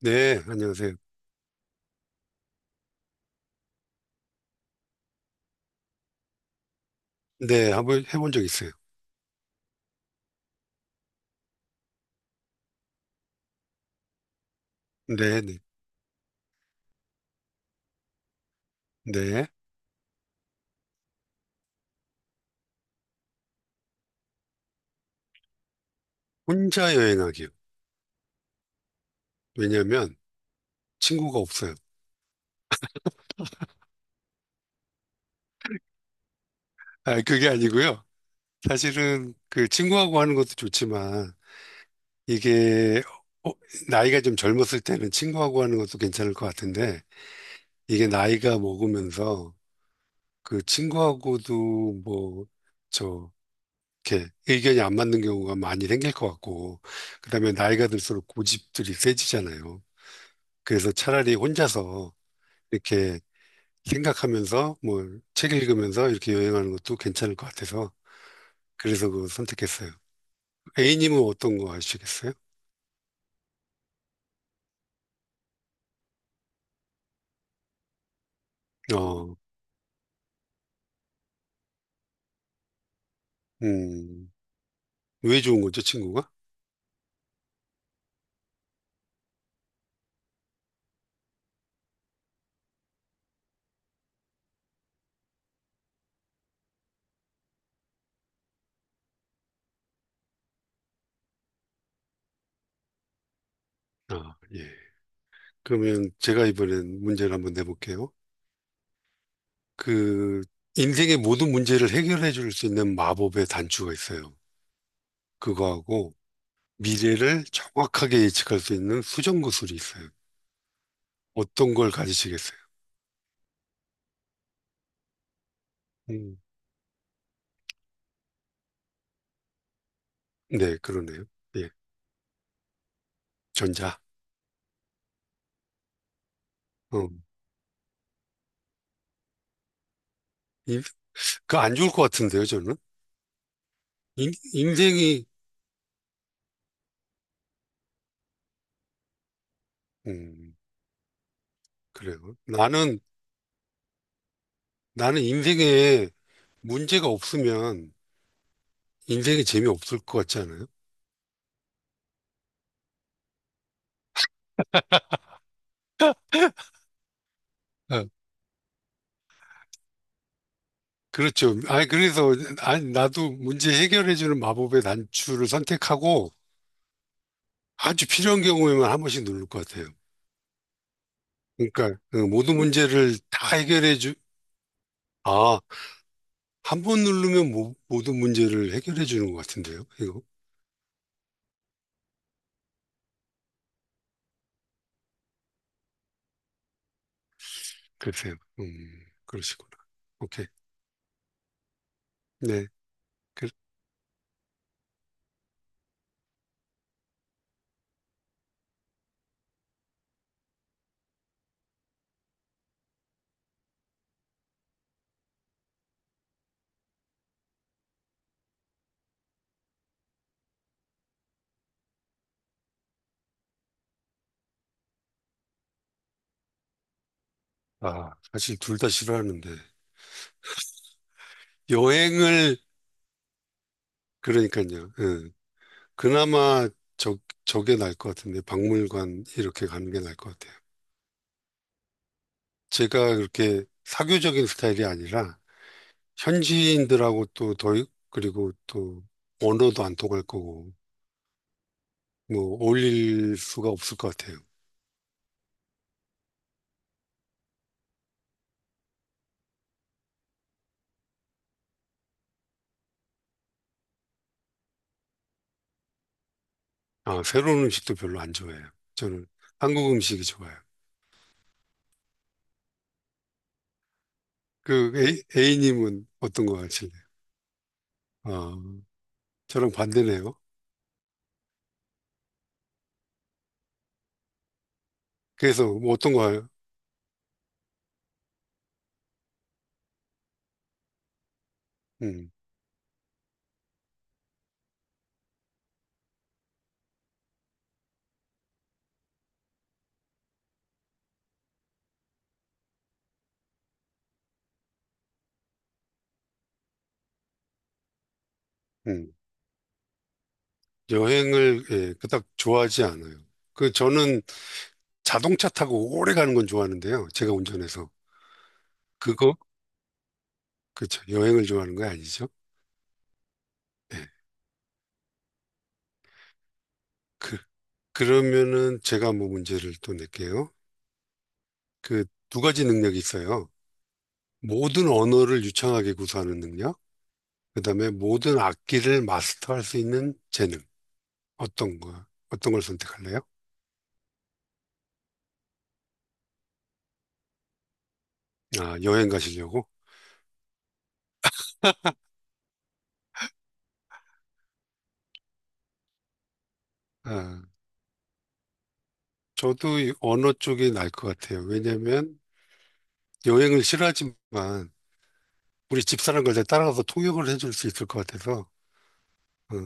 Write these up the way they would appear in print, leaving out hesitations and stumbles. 네, 안녕하세요. 네, 한번 해본 적 있어요. 네, 네, 네. 혼자 여행하기요. 왜냐면 친구가 없어요. 아, 그게 아니고요. 사실은 그 친구하고 하는 것도 좋지만 이게 어, 나이가 좀 젊었을 때는 친구하고 하는 것도 괜찮을 것 같은데 이게 나이가 먹으면서 그 친구하고도 뭐 저 이렇게 의견이 안 맞는 경우가 많이 생길 것 같고 그다음에 나이가 들수록 고집들이 세지잖아요. 그래서 차라리 혼자서 이렇게 생각하면서 뭐 책 읽으면서 이렇게 여행하는 것도 괜찮을 것 같아서 그래서 그거 선택했어요. A님은 어떤 거 하시겠어요? 어, 음, 왜 좋은 거죠, 친구가? 아, 예. 그러면 제가 이번엔 문제를 한번 내볼게요. 그 인생의 모든 문제를 해결해 줄 수 있는 마법의 단추가 있어요. 그거하고 미래를 정확하게 예측할 수 있는 수정 구슬이 있어요. 어떤 걸 가지시겠어요? 음, 네, 그러네요. 예, 전자. 어. 이- 그 안 좋을 것 같은데요, 저는. 인생이, 음, 그래요. 나는 인생에 문제가 없으면 인생이 재미없을 것 같지 않아요? 아, 그렇죠. 아니, 그래서, 아니, 나도 문제 해결해주는 마법의 단추를 선택하고 아주 필요한 경우에만 한 번씩 누를 것 같아요. 그러니까, 모든 문제를 다 해결해주, 아, 한 번 누르면 모든 문제를 해결해주는 것 같은데요, 이거. 글쎄요. 그러시구나. 오케이. 네. 그- 아, 사실 둘 다 싫어하는데. 여행을, 그러니까요. 예. 그나마 저, 저게 나을 것 같은데, 박물관 이렇게 가는 게 나을 것 같아요. 제가 그렇게 사교적인 스타일이 아니라, 현지인들하고 또 더, 그리고 또 언어도 안 통할 거고, 뭐, 어울릴 수가 없을 것 같아요. 아, 새로운 음식도 별로 안 좋아해요. 저는 한국 음식이 좋아요. 그, A님은 어떤 거 하실래요? 아, 저랑 반대네요. 그래서 뭐 어떤 거, 요 음, 여행을 예, 그닥 좋아하지 않아요. 그 저는 자동차 타고 오래 가는 건 좋아하는데요. 제가 운전해서 그거 그렇죠. 여행을 좋아하는 거 아니죠. 그 그러면은 제가 뭐 문제를 또 낼게요. 그 두 가지 능력이 있어요. 모든 언어를 유창하게 구사하는 능력, 그다음에 모든 악기를 마스터할 수 있는 재능. 어떤 거 어떤 걸 선택할래요? 아, 여행 가시려고? 아, 저도 이 언어 쪽이 날 것 같아요. 왜냐면 여행을 싫어하지만 우리 집사람걸 따라가서 통역을 해줄 수 있을 것 같아서. 어,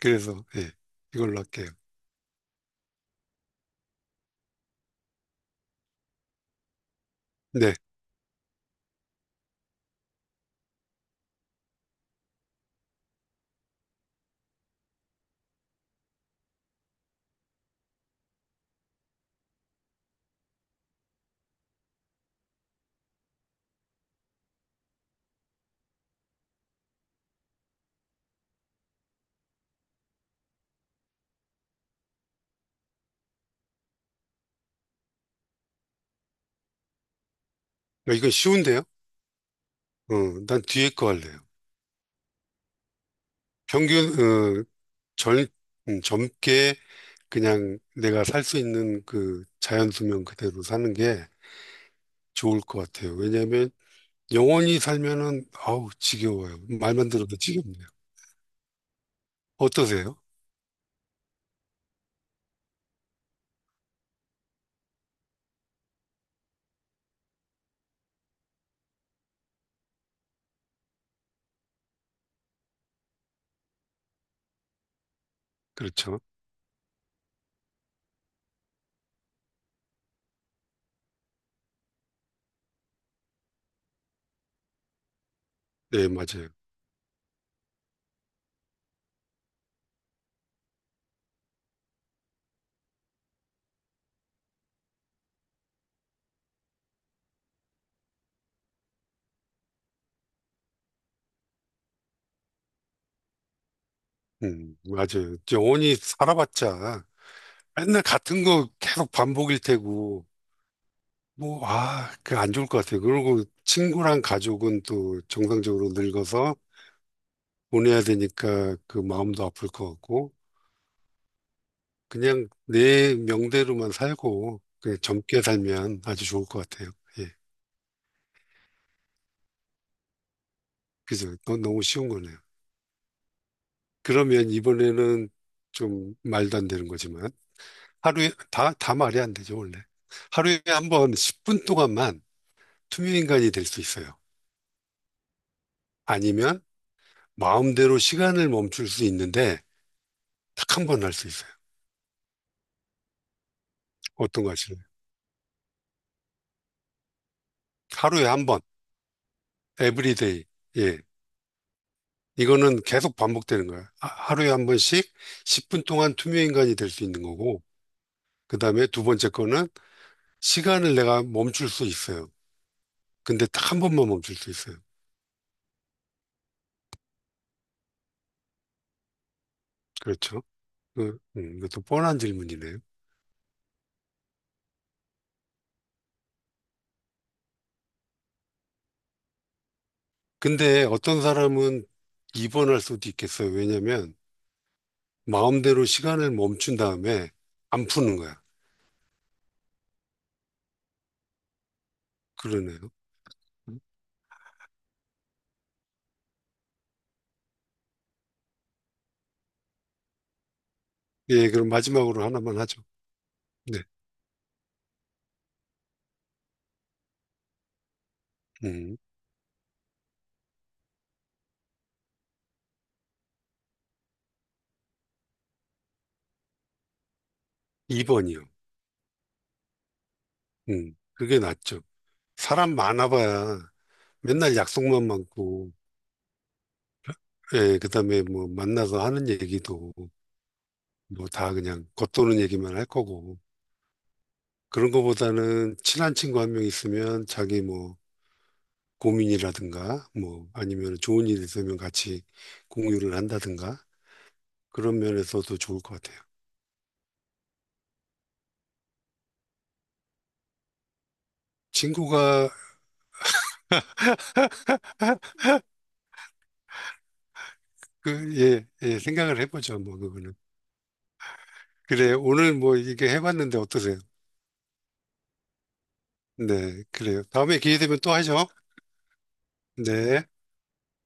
그래서, 예, 이걸로 할게요. 네. 이거 쉬운데요? 어, 난 뒤에 거 할래요. 평균, 젊, 젊게 그냥 내가 살 수 있는 그 자연 수명 그대로 사는 게 좋을 것 같아요. 왜냐하면 영원히 살면은, 아우, 지겨워요. 말만 들어도 지겹네요. 어떠세요? 그렇죠. 네, 맞아요. 맞아요. 영원히 살아봤자 맨날 같은 거 계속 반복일 테고, 뭐, 아, 그 안 좋을 것 같아요. 그리고 친구랑 가족은 또 정상적으로 늙어서 보내야 되니까 그 마음도 아플 것 같고, 그냥 내 명대로만 살고, 그냥 젊게 살면 아주 좋을 것 같아요. 예. 그죠? 너무 쉬운 거네요. 그러면 이번에는 좀 말도 안 되는 거지만, 하루에, 다 말이 안 되죠, 원래. 하루에 한번 10분 동안만 투명인간이 될 수 있어요. 아니면 마음대로 시간을 멈출 수 있는데, 딱 한 번 할 수 있어요. 어떤 거 하실래요? 하루에 한 번, 에브리데이. 예. 이거는 계속 반복되는 거예요. 하루에 한 번씩 10분 동안 투명 인간이 될 수 있는 거고, 그 다음에 두 번째 거는 시간을 내가 멈출 수 있어요. 근데 딱 한 번만 멈출 수 있어요. 그렇죠. 이것도 뻔한 질문이네요. 근데 어떤 사람은 2번 할 수도 있겠어요. 왜냐면 마음대로 시간을 멈춘 다음에 안 푸는 거야. 그러네요. 예, 그럼 마지막으로 하나만 하죠. 네. 음, 2번이요. 그게 낫죠. 사람 많아봐야 맨날 약속만 많고, 예, 그다음에 뭐 만나서 하는 얘기도 뭐 다 그냥 겉도는 얘기만 할 거고. 그런 거보다는 친한 친구 한 명 있으면 자기 뭐 고민이라든가 뭐 아니면 좋은 일 있으면 같이 공유를 한다든가 그런 면에서도 좋을 것 같아요. 친구가 예, 예, 생각을 해보죠. 뭐 그거는. 그래, 오늘 뭐 이게 해봤는데 어떠세요? 네, 그래요. 다음에 기회 되면 또 하죠. 네.